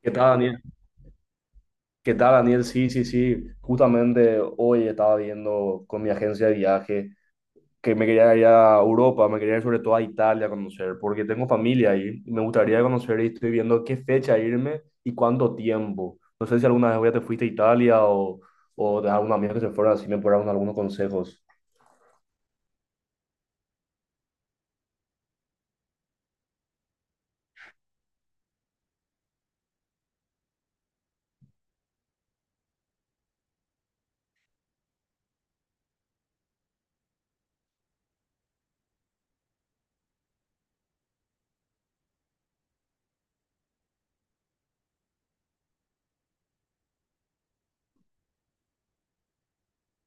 ¿Qué tal, Daniel? Sí, sí, sí. Justamente hoy estaba viendo con mi agencia de viaje que me quería ir a Europa, me quería ir sobre todo a Italia a conocer, porque tengo familia ahí y me gustaría conocer y estoy viendo qué fecha irme y cuánto tiempo. No sé si alguna vez ya te fuiste a Italia o de algún amigo que se fuera, si me puedes dar algunos consejos.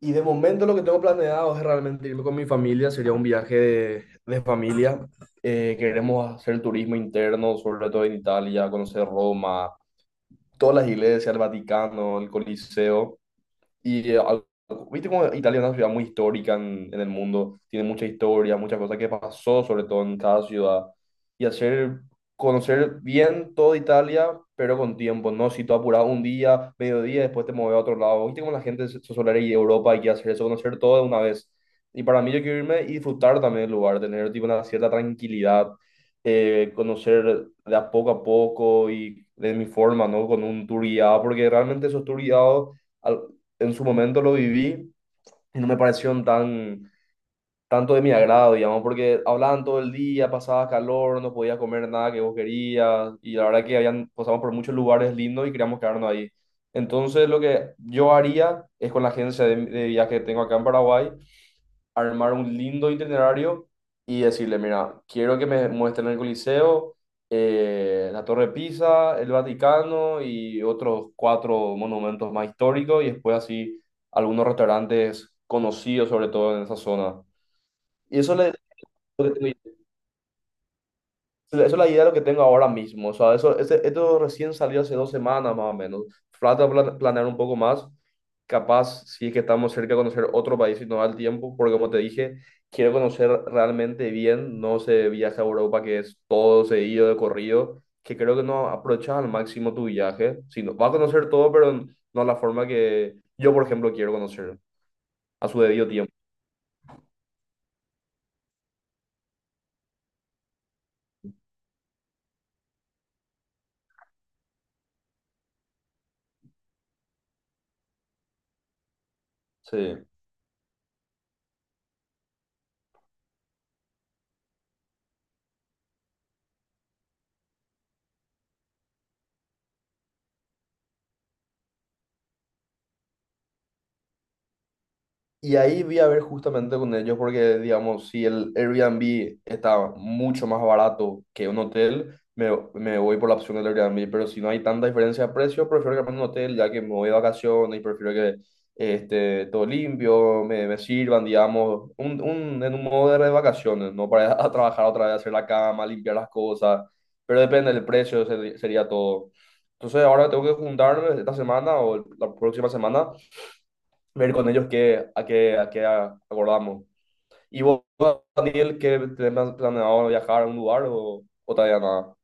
Y de momento lo que tengo planeado es realmente irme con mi familia, sería un viaje de familia. Queremos hacer turismo interno, sobre todo en Italia, conocer Roma, todas las iglesias, el Vaticano, el Coliseo, y viste como Italia es una ciudad muy histórica en el mundo, tiene mucha historia, muchas cosas que pasó, sobre todo en cada ciudad. Y hacer, Conocer bien toda Italia, pero con tiempo, ¿no? Si tú apuras un día, mediodía, después te mueves a otro lado. Viste como la gente se suele ir a Europa y quiere hacer eso, conocer todo de una vez. Y para mí yo quiero irme y disfrutar también del lugar, tener tipo una cierta tranquilidad, conocer de a poco y de mi forma, ¿no? Con un tour guiado, porque realmente esos tour guiados en su momento lo viví y no me parecieron tanto de mi agrado, digamos, porque hablaban todo el día, pasaba calor, no podía comer nada que vos querías y la verdad que habían, pasamos por muchos lugares lindos y queríamos quedarnos ahí. Entonces lo que yo haría es con la agencia de viaje que tengo acá en Paraguay, armar un lindo itinerario y decirle, mira, quiero que me muestren el Coliseo, la Torre de Pisa, el Vaticano y otros cuatro monumentos más históricos y después así algunos restaurantes conocidos sobre todo en esa zona. Y eso le... Esa es la idea de lo que tengo ahora mismo. O sea, eso, esto recién salió hace 2 semanas más o menos. Falta planear un poco más. Capaz, si es que estamos cerca de conocer otro país y no da el tiempo, porque como te dije, quiero conocer realmente bien. No se viaje a Europa, que es todo seguido de corrido, que creo que no aprovechas al máximo tu viaje. Sino, vas a conocer todo, pero no la forma que yo, por ejemplo, quiero conocer a su debido tiempo. Sí. Y ahí vi a ver justamente con ellos porque, digamos, si el Airbnb está mucho más barato que un hotel, me voy por la opción del Airbnb. Pero si no hay tanta diferencia de precio, prefiero quedarme en un hotel ya que me voy de vacaciones y prefiero que este todo limpio, me sirvan, digamos, en un modo de vacaciones, no para ir a trabajar otra vez, hacer la cama, limpiar las cosas. Pero depende del precio, sería todo. Entonces ahora tengo que juntarme esta semana o la próxima semana ver con ellos a qué acordamos. ¿Y vos, Daniel, qué tenés planeado viajar a un lugar o todavía nada?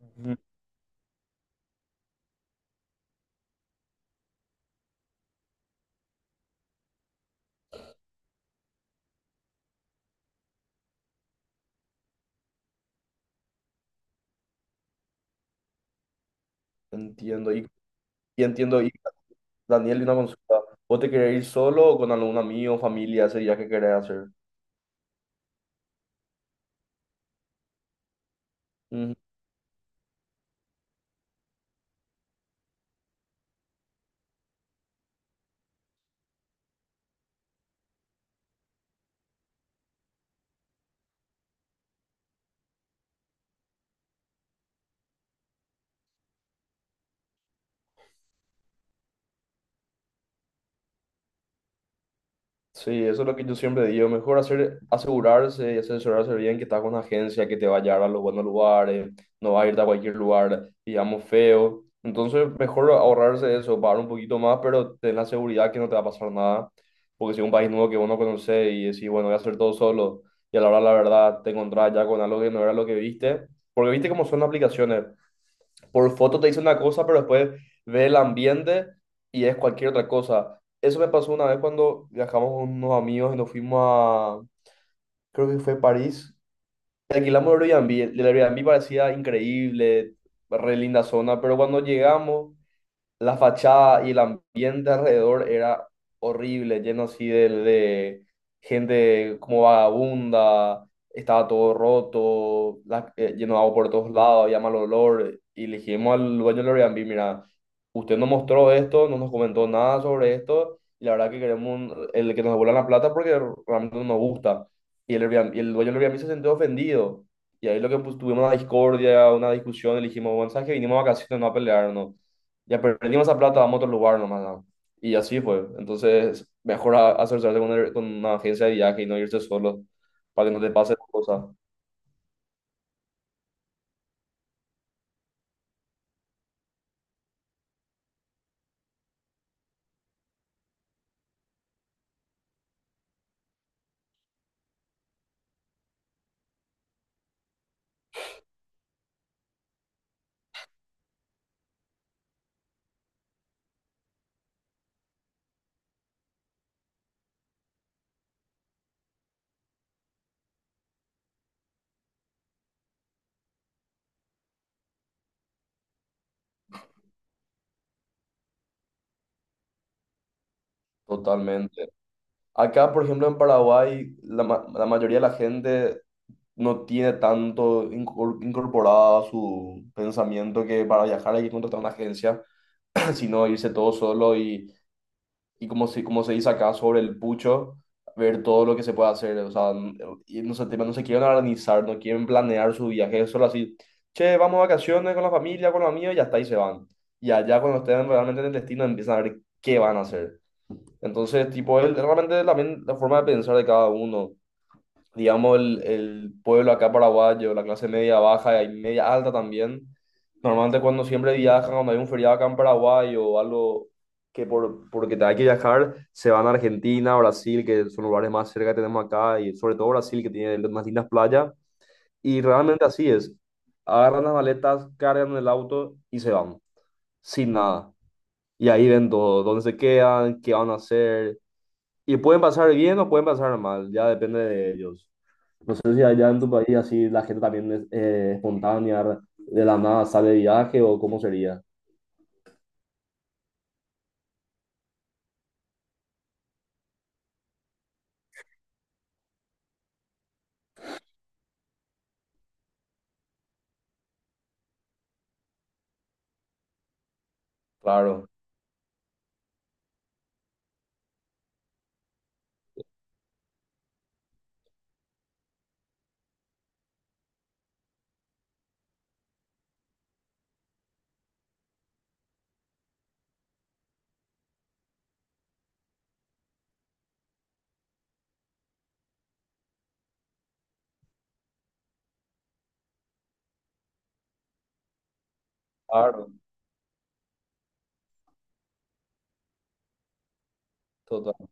Ujú. Entiendo, y, entiendo, y Daniel, una consulta. ¿Vos te querés ir solo o con algún amigo, familia, ese viaje que querés hacer? Sí, eso es lo que yo siempre digo. Mejor hacer, asegurarse y asesorarse bien que está con una agencia que te va a llevar a los buenos lugares, no va a irte a cualquier lugar, digamos, feo. Entonces, mejor ahorrarse eso, pagar un poquito más, pero ten la seguridad que no te va a pasar nada. Porque si es un país nuevo que vos no conocés y decís, bueno, voy a hacer todo solo, y a la hora, la verdad, te encontrás ya con algo que no era lo que viste. Porque viste cómo son las aplicaciones por foto te dice una cosa, pero después ve el ambiente y es cualquier otra cosa. Eso me pasó una vez cuando viajamos con unos amigos y nos fuimos a, creo que fue París, y alquilamos el Airbnb. El Airbnb parecía increíble, re linda zona, pero cuando llegamos la fachada y el ambiente alrededor era horrible, lleno así de gente como vagabunda, estaba todo roto, lleno de agua por todos lados, había mal olor, y le dijimos al dueño del Airbnb, mira, usted nos mostró esto, no nos comentó nada sobre esto, y la verdad que queremos el que nos devuelvan la plata porque realmente no nos gusta. Y y el dueño del Airbnb se sintió ofendido. Y ahí lo que pues, tuvimos una discordia, una discusión, y le dijimos, bueno, sabes que vinimos a vacaciones, no a pelearnos, ya perdimos esa plata, vamos a otro lugar nomás, ¿no? Y así fue. Entonces, mejor asesorarse con, con una agencia de viaje y no irse solo para que no te pase cosas. Totalmente. Acá, por ejemplo, en Paraguay, la mayoría de la gente no tiene tanto incorporado a su pensamiento que para viajar hay que contratar una agencia, sino irse todo solo y como se dice acá sobre el pucho, ver todo lo que se puede hacer, o sea, y no se quieren organizar, no quieren planear su viaje, es solo así, che, vamos a vacaciones con la familia, con los amigos, y hasta ahí se van. Y allá cuando estén realmente en el destino empiezan a ver qué van a hacer. Entonces, tipo, es realmente también la forma de pensar de cada uno, digamos, el pueblo acá paraguayo, la clase media baja y media alta también, normalmente cuando siempre viajan, cuando hay un feriado acá en Paraguay o algo que porque te hay que viajar, se van a Argentina, Brasil, que son lugares más cerca que tenemos acá, y sobre todo Brasil, que tiene las más lindas playas, y realmente así es. Agarran las maletas, cargan el auto y se van, sin nada. Y ahí ven todo, dónde se quedan, qué van a hacer. Y pueden pasar bien o pueden pasar mal, ya depende de ellos. No sé si allá en tu país así la gente también es espontánea, de la nada sale de viaje o cómo sería. Claro, claro, total.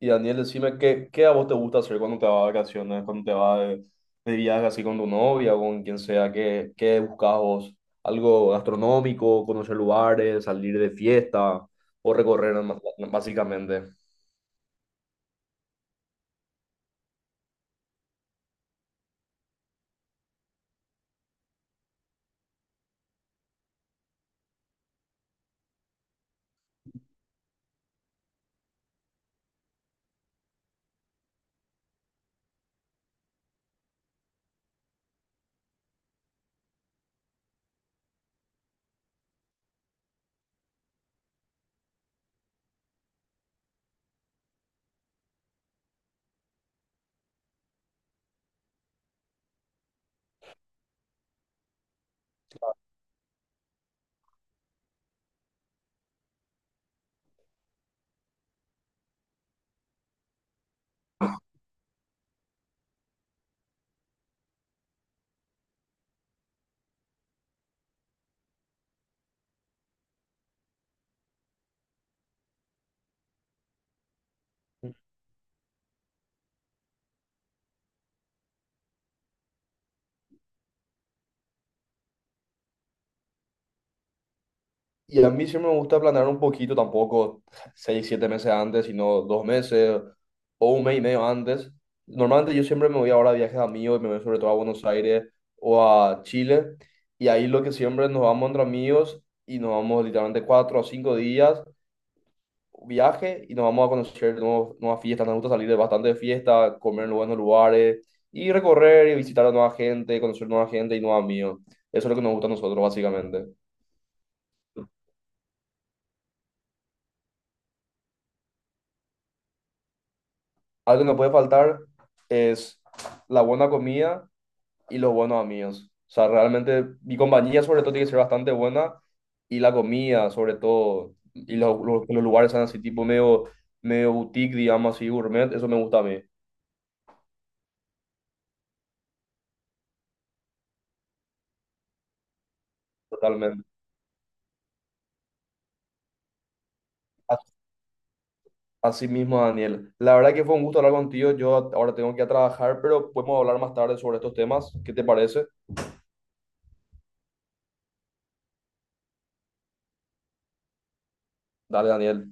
Y Daniel, decime, ¿qué a vos te gusta hacer cuando te vas de vacaciones, cuando te vas de viaje así con tu novia o con quien sea? ¿Qué buscas vos? ¿Algo gastronómico, conocer lugares, salir de fiesta o recorrer básicamente? Y a mí siempre me gusta planear un poquito, tampoco 6, 7 meses antes, sino 2 meses o un mes y medio antes. Normalmente yo siempre me voy ahora a viajes de amigos, me voy sobre todo a Buenos Aires o a Chile. Y ahí lo que siempre nos vamos entre amigos y nos vamos literalmente 4 o 5 días viaje y nos vamos a conocer nuevas fiestas. Nos gusta salir de bastante de fiesta, comer en buenos lugares y recorrer y visitar a nueva gente, conocer nueva gente y nuevos amigos. Eso es lo que nos gusta a nosotros, básicamente. Algo que no puede faltar es la buena comida y los buenos amigos. O sea, realmente mi compañía sobre todo tiene que ser bastante buena y la comida sobre todo y los lugares sean así tipo medio, medio boutique, digamos así, gourmet, eso me gusta a mí, totalmente. A- Así mismo, Daniel. La verdad que fue un gusto hablar contigo. Yo ahora tengo que ir a trabajar, pero podemos hablar más tarde sobre estos temas. ¿Qué te parece? Dale, Daniel.